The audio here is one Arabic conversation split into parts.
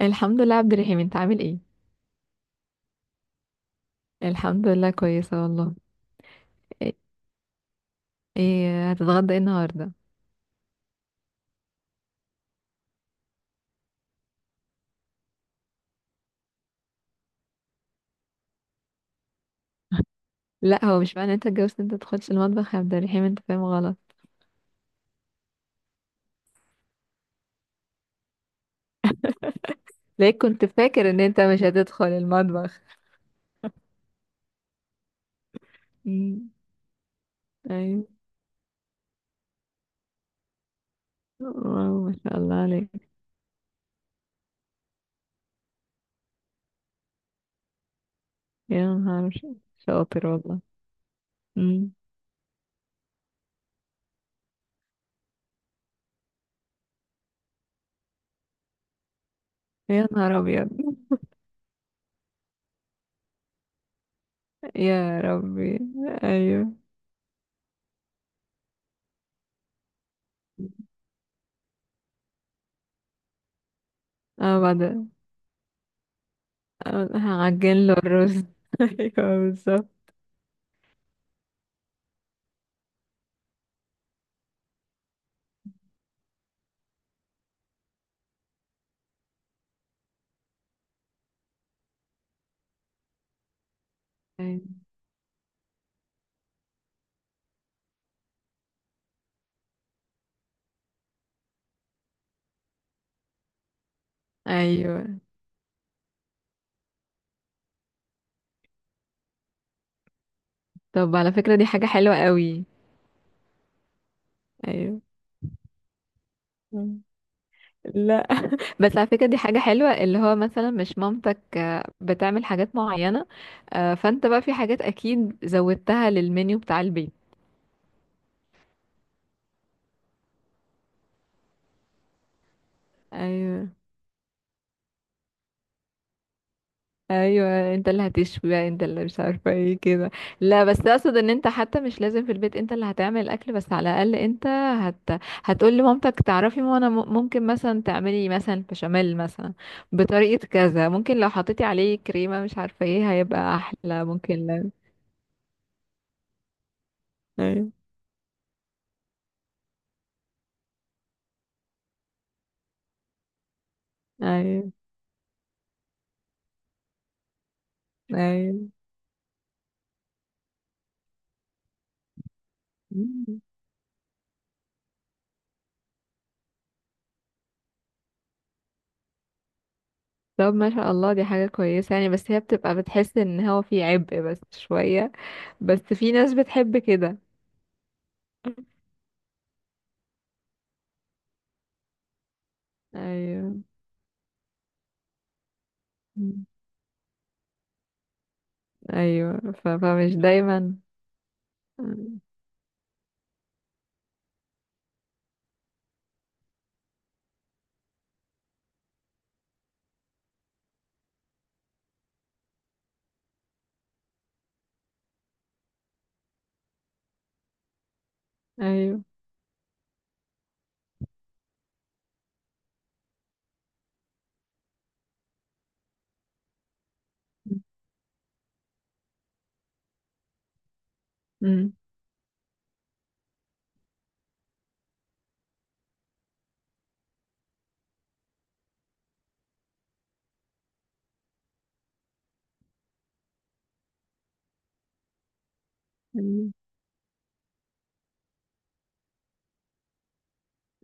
الحمد لله. عبد الرحيم، انت عامل ايه؟ الحمد لله، كويسه والله. ايه؟ ايه هتتغدى ايه النهارده؟ لا، هو مش معنى انت اتجوزت انت تدخلش المطبخ يا عبد الرحيم. انت فاهم غلط. ليه كنت فاكر ان انت مش هتدخل المطبخ؟ امم. ايوه. واو، ما شاء الله عليك. يا نهار شاطر والله. امم. يا نهار ابيض. يا ربي. ايوه. اه، بعد. اه، هعجن له الرز ايوه بالظبط. ايوه. أيوة. طب، على فكرة، دي حاجة حلوة قوي. ايوه. مم. لا، بس على فكرة، دي حاجة حلوة، اللي هو مثلا مش مامتك بتعمل حاجات معينة. فانت بقى في حاجات اكيد زودتها للمنيو بتاع البيت. ايوه، ايوه، انت اللي هتشوي بقى، انت اللي مش عارفة ايه كده. لا، بس اقصد ان انت حتى مش لازم في البيت انت اللي هتعمل الاكل، بس على الاقل انت هت... هتقول لمامتك تعرفي، ما انا ممكن مثلا تعملي مثلا بشاميل مثلا بطريقة كذا. ممكن لو حطيتي عليه كريمة مش عارفة ايه هيبقى احلى، ممكن. لا. ايوه، ايوه. مم. طب، ما شاء الله، دي حاجة كويسة يعني. بس هي بتبقى بتحس ان هو في عبء بس شوية. بس في ناس بتحب كده. ايوه. مم. ايوه، فمش دايما. مم. ايوه. مم. مم.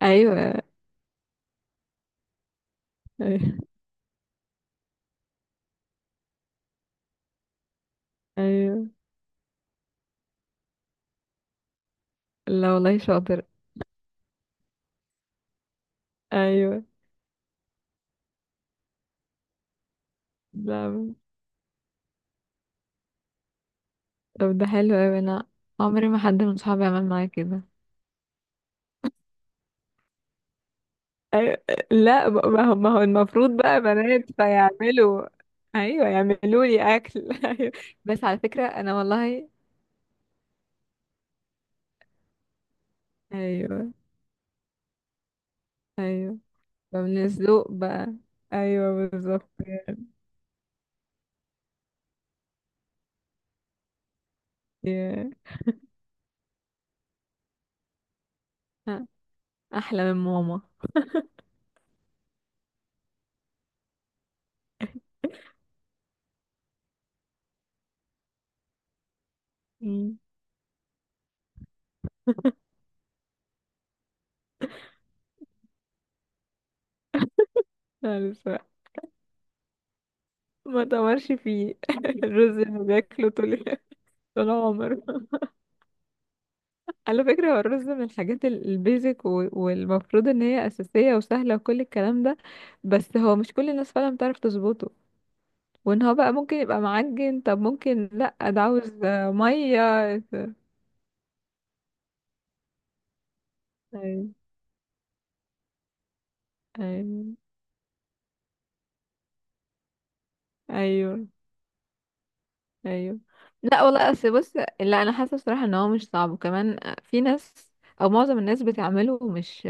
ايوه، ايوه، ايوه. لا والله، شاطر. ايوه. لا، طب ده حلو اوي. انا عمري ما حد من صحابي عمل معايا كده. أيوة. لا، ما هو المفروض بقى بنات فيعملوا. ايوه، يعملوا لي اكل ايوه. بس على فكره، انا والله. ايوه، ايوه. فمن الذوق بقى. ايوه بالظبط. يا- ها. احلى من ماما. مم. لا لسه. ما تمرش فيه الرز اللي بياكله طول عمره. على فكره، هو الرز من الحاجات البيزك والمفروض ان هي اساسيه وسهله وكل الكلام ده. بس هو مش كل الناس فعلا بتعرف تظبطه. وان هو بقى ممكن يبقى معجن. طب ممكن، لا ده عاوز ميه. ايوه، ايوه، ايوه، ايوه. لا والله، اصل بص، لا. انا حاسه بصراحه ان هو مش صعب، وكمان في ناس. او معظم الناس بتعمله، مش.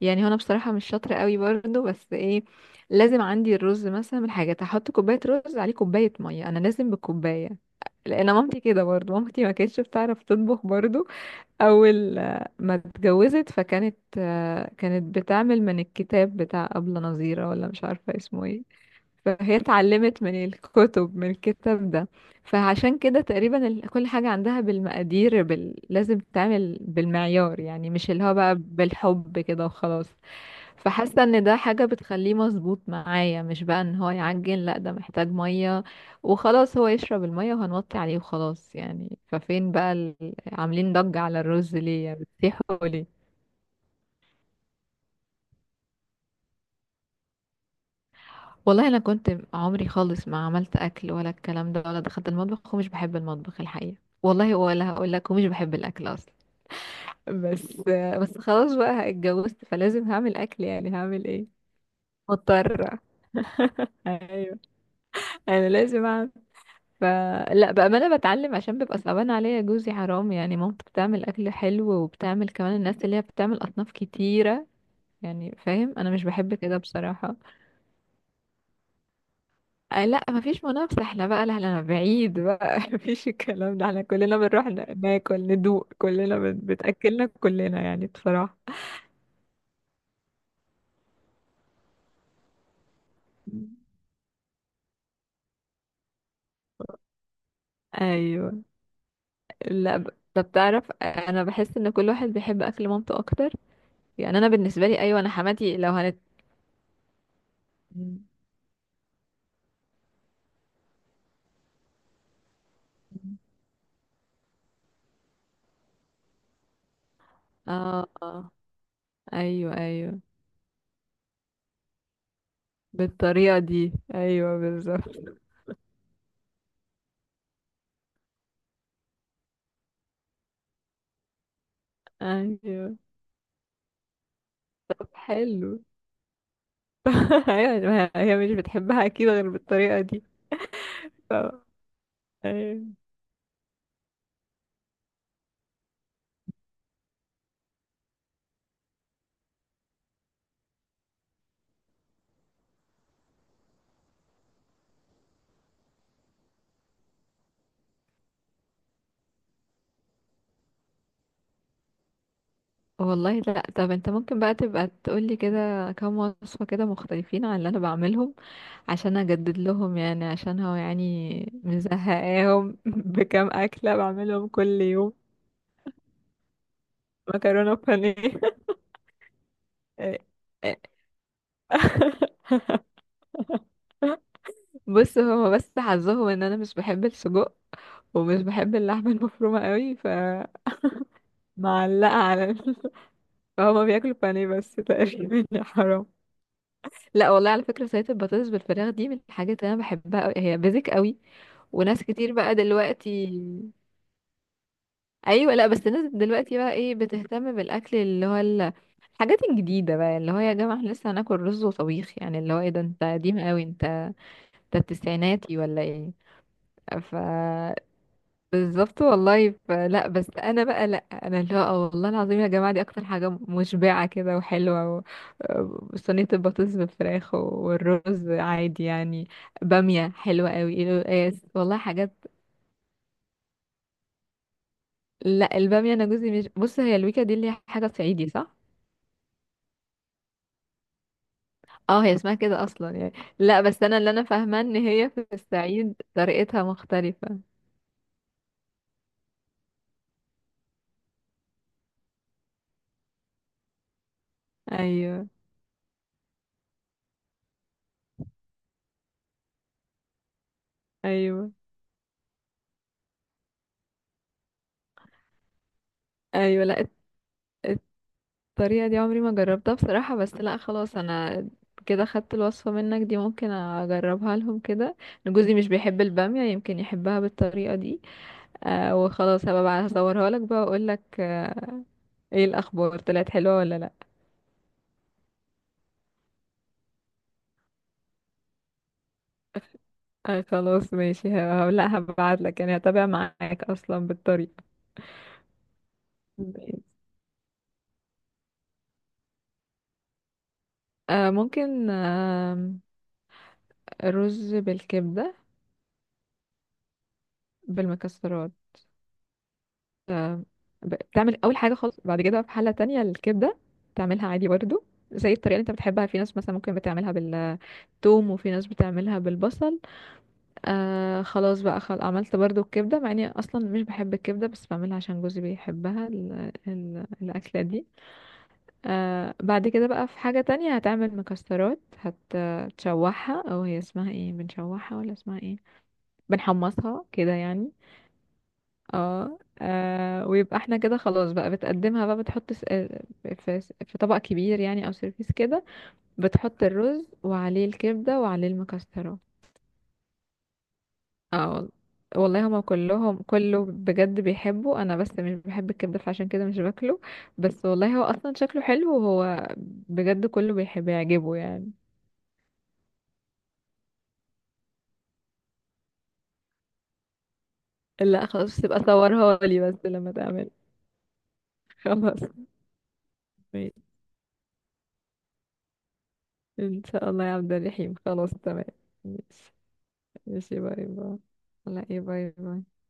يعني هو انا بصراحه مش شاطره قوي برضو، بس ايه. لازم عندي الرز مثلا من حاجه، احط كوبايه رز عليه كوبايه ميه. انا لازم بالكوبايه. لان مامتي كده برضو، مامتي ما كانتش بتعرف تطبخ برضو. اول ما اتجوزت فكانت آه، كانت بتعمل من الكتاب بتاع أبلة نظيرة، ولا مش عارفة اسمه ايه. فهي اتعلمت من الكتاب ده. فعشان كده تقريبا كل حاجة عندها بالمقادير، لازم تتعمل بالمعيار، يعني مش اللي هو بقى بالحب كده وخلاص. فحاسه ان ده حاجه بتخليه مظبوط معايا، مش بقى ان هو يعجن، لا ده محتاج ميه وخلاص. هو يشرب الميه وهنوطي عليه وخلاص يعني. ففين بقى عاملين ضجة على الرز ليه، يا بتسيحوا ليه؟ والله انا كنت عمري خالص ما عملت اكل ولا الكلام ده، ولا دخلت المطبخ، ومش بحب المطبخ الحقيقه. والله، ولا هقول لك، ومش بحب الاكل اصلا. بس بس خلاص بقى اتجوزت، فلازم هعمل اكل يعني. هعمل ايه؟ مضطرة ايوه. انا لازم اعمل. ف لا، بأمانة بتعلم عشان بيبقى صعبان عليا جوزي، حرام. يعني مامته بتعمل أكل حلو، وبتعمل كمان الناس اللي هي بتعمل أصناف كتيرة. يعني فاهم، أنا مش بحب كده بصراحة. أه لا، مفيش منافسة. احنا بقى لا احنا بعيد بقى مفيش الكلام ده. احنا كلنا بنروح ناكل، ندوق كلنا، بتأكلنا كلنا يعني بصراحة. أيوه. لا، طب تعرف، أنا بحس إن كل واحد بيحب أكل مامته أكتر. يعني أنا بالنسبة لي، أيوه، أنا حماتي لو هنت. اه. آه. ايوه، ايوه، بالطريقه دي، ايوه بالظبط. ايوه. طب حلو. ايوه، ما هي مش بتحبها اكيد غير بالطريقه دي. ف... أيوة. والله، لا، طب انت ممكن بقى تبقى تقولي كده كام وصفه كده مختلفين عن اللي انا بعملهم. عشان اجدد لهم يعني، عشان هو يعني مزهقاهم بكام اكله بعملهم كل يوم. مكرونه بانيه إيه. بص، هو بس حظهم ان انا مش بحب السجق. ومش بحب اللحمه المفرومه قوي. فمعلقه على فهما بياكلوا بانيه بس تقريبا يا حرام. لا والله، على فكره، سلطه البطاطس بالفراخ دي من الحاجات اللي انا بحبها قوي. هي بيزك قوي. وناس كتير بقى دلوقتي. ايوه، لا بس الناس دلوقتي بقى ايه بتهتم بالاكل، اللي هو الحاجات الجديده بقى. اللي هو يا جماعه احنا لسه هناكل رز وطبيخ يعني؟ اللي هو ايه ده، انت قديم قوي انت. انت التسعيناتي ولا ايه؟ ف بالظبط والله. لا، بس انا بقى لا انا اللي هو والله العظيم يا جماعه، دي اكتر حاجه مشبعه كده وحلوه صينيه البطاطس بالفراخ والرز عادي يعني. باميه حلوه قوي، القلقاس، والله حاجات. لا الباميه انا جوزي مش، بص، هي الويكا دي اللي هي حاجه صعيدي صح؟ اه، هي اسمها كده اصلا يعني. لا، بس انا اللي انا فاهمه ان هي في الصعيد طريقتها مختلفه. ايوه، ايوه، ايوه. لا، الطريقة دي عمري ما جربتها بصراحة، بس لا خلاص انا كده خدت الوصفة منك دي، ممكن اجربها لهم كده. إن جوزي مش بيحب البامية، يمكن يحبها بالطريقة دي. وخلاص هبقى بقى هصورها لك بقى واقول لك آه. ايه الاخبار، طلعت حلوة ولا لا؟ خلاص ماشي لا هبعت لك يعني، هتابع معاك اصلا بالطريقة. آه، ممكن. آه. رز بالكبدة بالمكسرات. آه، بتعمل اول حاجه خالص، بعد كده في حله تانية الكبده بتعملها عادي برضو. زي الطريقه اللي انت بتحبها. في ناس مثلا ممكن بتعملها بالثوم، وفي ناس بتعملها بالبصل. خلاص بقى عملت برضو الكبده، مع اني اصلا مش بحب الكبده بس بعملها عشان جوزي بيحبها، الاكله دي. بعد كده بقى في حاجه تانية، هتعمل مكسرات. هتشوحها، او هي اسمها ايه، بنشوحها ولا اسمها ايه؟ بنحمصها كده يعني. اه. ويبقى احنا كده خلاص بقى، بتقدمها بقى، بتحط في طبق كبير يعني، او سيرفيس كده. بتحط الرز وعليه الكبدة وعليه المكسرات. اه والله هما كلهم كله بجد بيحبه، انا بس مش بحب الكبدة فعشان كده مش باكله. بس والله هو اصلا شكله حلو، وهو بجد كله بيحبه يعجبه يعني. لا خلاص، تبقى صورها لي بس لما تعمل. خلاص ماشي. ان شاء الله يا عبد الرحيم، خلاص تمام. ماشي. ماشي، باي باي. لا ايه، باي باي.